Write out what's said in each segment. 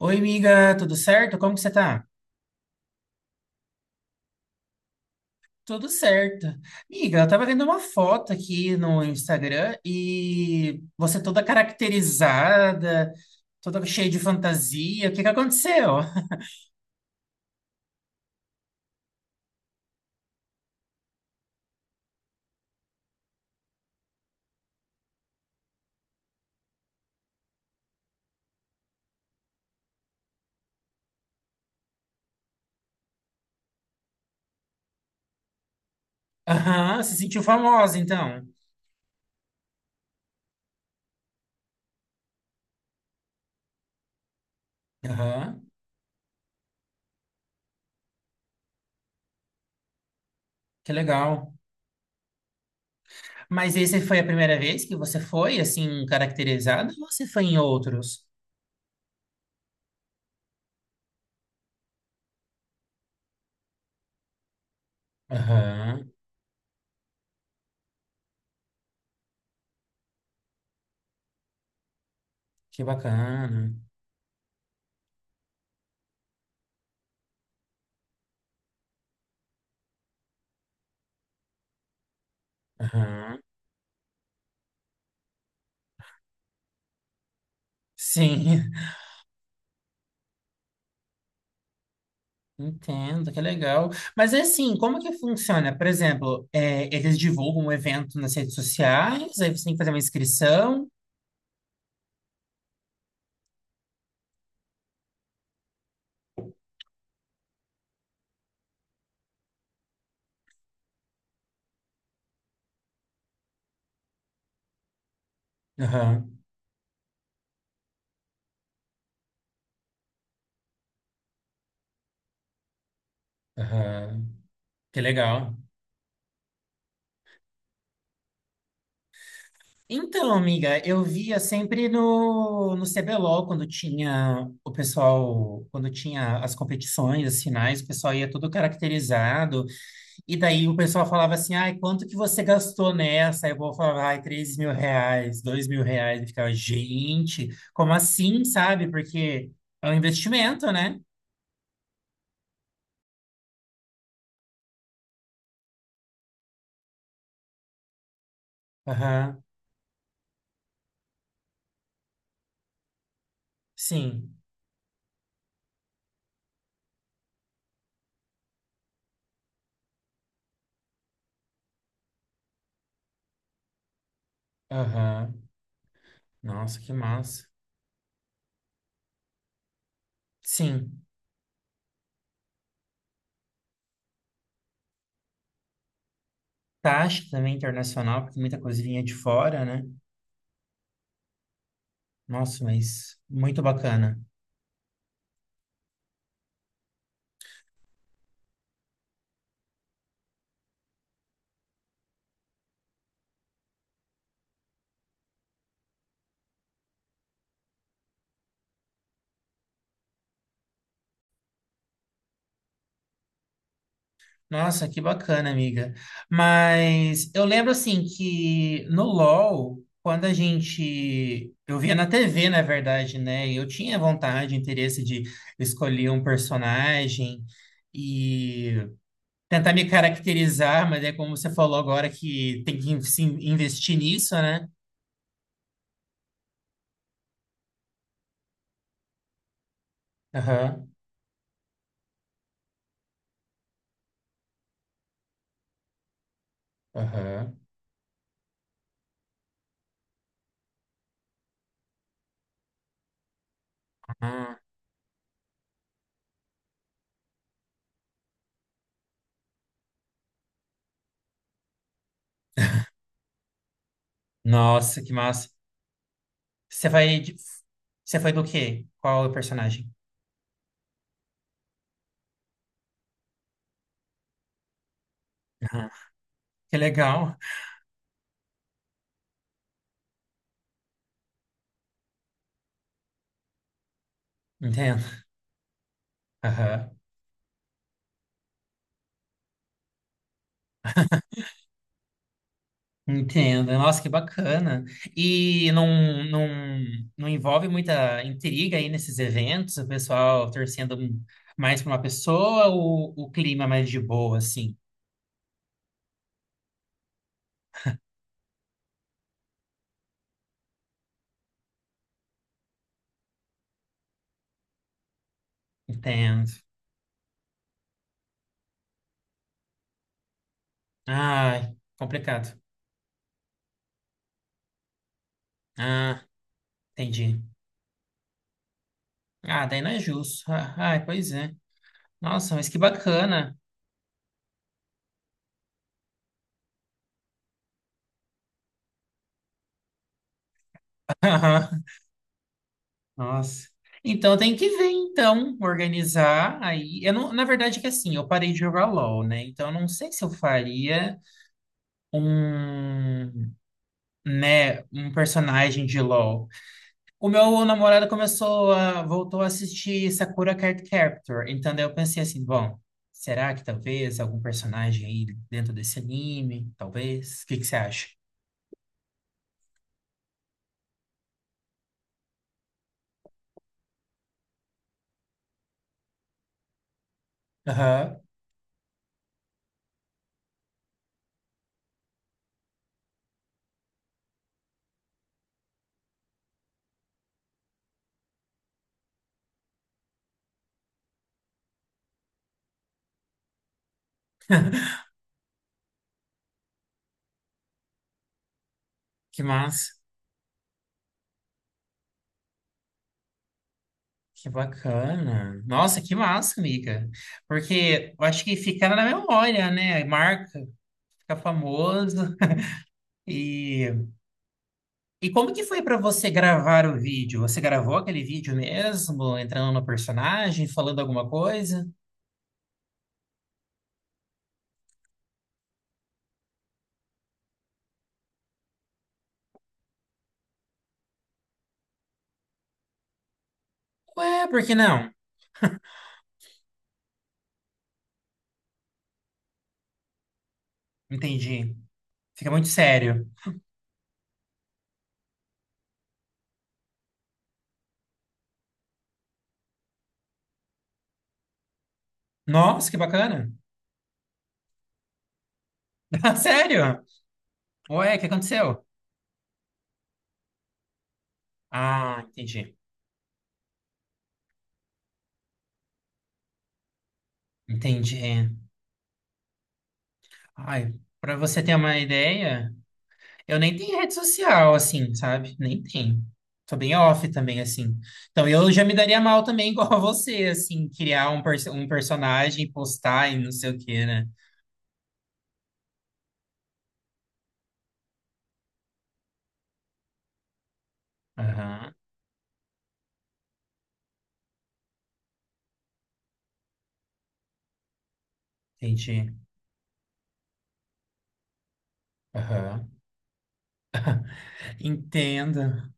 Oi, amiga, tudo certo? Como que você tá? Tudo certo. Amiga, eu tava vendo uma foto aqui no Instagram e você toda caracterizada, toda cheia de fantasia. O que que aconteceu? Aham, se sentiu famosa, então. Aham, que legal. Mas esse foi a primeira vez que você foi, assim, caracterizada ou você foi em outros? Aham, que bacana. Aham, sim. Entendo, que legal. Mas é assim, como que funciona? Por exemplo, é, eles divulgam o evento nas redes sociais, aí você tem que fazer uma inscrição. Aham, aham. Que legal. Então, amiga, eu via sempre no CBLOL, quando tinha o pessoal, quando tinha as competições, as finais, o pessoal ia todo caracterizado. E daí o pessoal falava assim, ai, quanto que você gastou nessa? Aí o povo falava, ai, R$ 3.000, R$ 2.000. E ficava, gente, como assim, sabe? Porque é um investimento, né? Aham, sim. Aham. Nossa, que massa. Sim. Taxa também internacional, porque muita coisa vinha de fora, né? Nossa, mas muito bacana. Nossa, que bacana, amiga. Mas eu lembro assim que no LoL, quando a gente. Eu via na TV, na verdade, né? E eu tinha vontade, interesse de escolher um personagem e tentar me caracterizar, mas é como você falou agora que tem que se investir nisso, né? Aham, aham. Ah, nossa, que massa. Você vai. Você foi do quê? Qual é o personagem? Aham. Que legal. Entendo. Aham. Entendo. Nossa, que bacana. E não envolve muita intriga aí nesses eventos, o pessoal torcendo mais para uma pessoa ou o clima é mais de boa, assim? Entendo. Ai, complicado. Ah, entendi. Ah, daí não é justo. Ah, ai, pois é. Nossa, mas que bacana. Nossa. Então tem que ver, então, organizar aí. Eu não, na verdade é que assim, eu parei de jogar LOL, né? Então eu não sei se eu faria. Um, né, um personagem de LoL. O meu namorado começou a, voltou a assistir Sakura Card Captor, então daí eu pensei assim, bom, será que talvez algum personagem aí dentro desse anime, talvez? O que que você acha? Aham. Que massa. Que bacana. Nossa, que massa, amiga. Porque eu acho que fica na memória, né? Marca, fica famoso. E E como que foi para você gravar o vídeo? Você gravou aquele vídeo mesmo, entrando no personagem, falando alguma coisa? Ué, por que não? Entendi. Fica muito sério. Nossa, que bacana. Sério? Ué, o que aconteceu? Ah, entendi. Entendi. Ai, para você ter uma ideia, eu nem tenho rede social, assim, sabe? Nem tenho. Tô bem off também, assim. Então, eu já me daria mal também, igual a você, assim, criar um, um personagem, postar e não sei o quê, né? Aham, entendi. Aham. Entendo.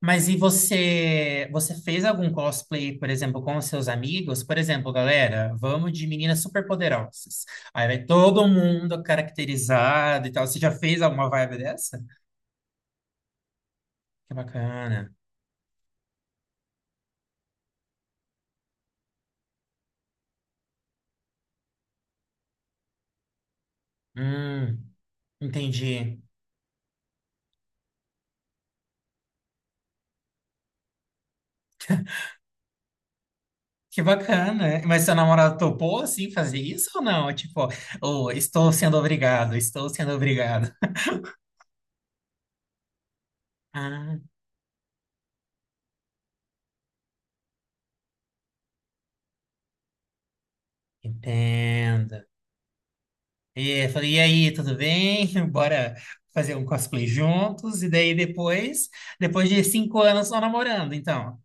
Mas e você, você fez algum cosplay, por exemplo, com os seus amigos? Por exemplo, galera, vamos de meninas superpoderosas. Aí vai todo mundo caracterizado e tal. Você já fez alguma vibe dessa? Que bacana. Hum, entendi. Que bacana. Mas seu namorado topou, assim, fazer isso ou não? Tipo, oh, estou sendo obrigado, estou sendo obrigado. Ah, entendo. E eu falei, e aí, tudo bem? Bora fazer um cosplay juntos. E daí depois, depois de 5 anos só namorando, então.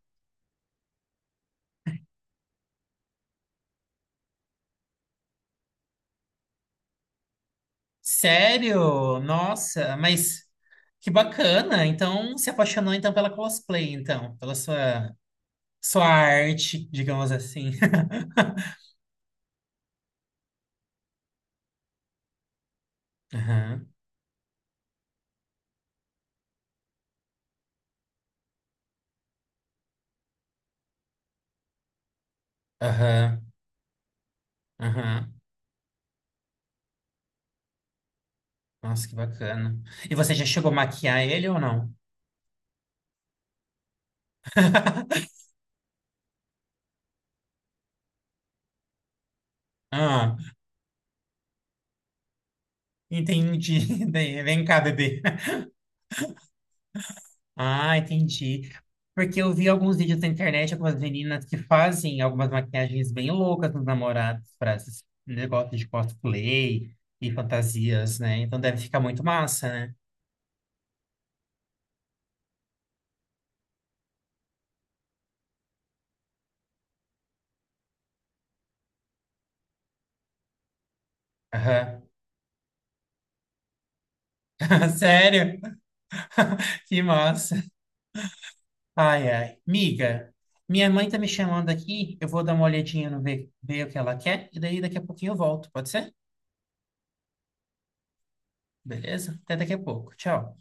Sério? Nossa, mas que bacana. Então, se apaixonou então pela cosplay, então, pela sua arte, digamos assim. Aham, aham, aham. Nossa, que bacana. E você já chegou a maquiar ele ou não? Ah, entendi. Daí, vem cá, bebê. Ah, entendi. Porque eu vi alguns vídeos na internet, algumas meninas que fazem algumas maquiagens bem loucas nos namorados para esses negócios de cosplay e fantasias, né? Então deve ficar muito massa, né? Aham. Sério? Que massa. Ai, ai. Miga, minha mãe tá me chamando aqui, eu vou dar uma olhadinha no ver o que ela quer, e daí daqui a pouquinho eu volto, pode ser? Beleza? Até daqui a pouco. Tchau.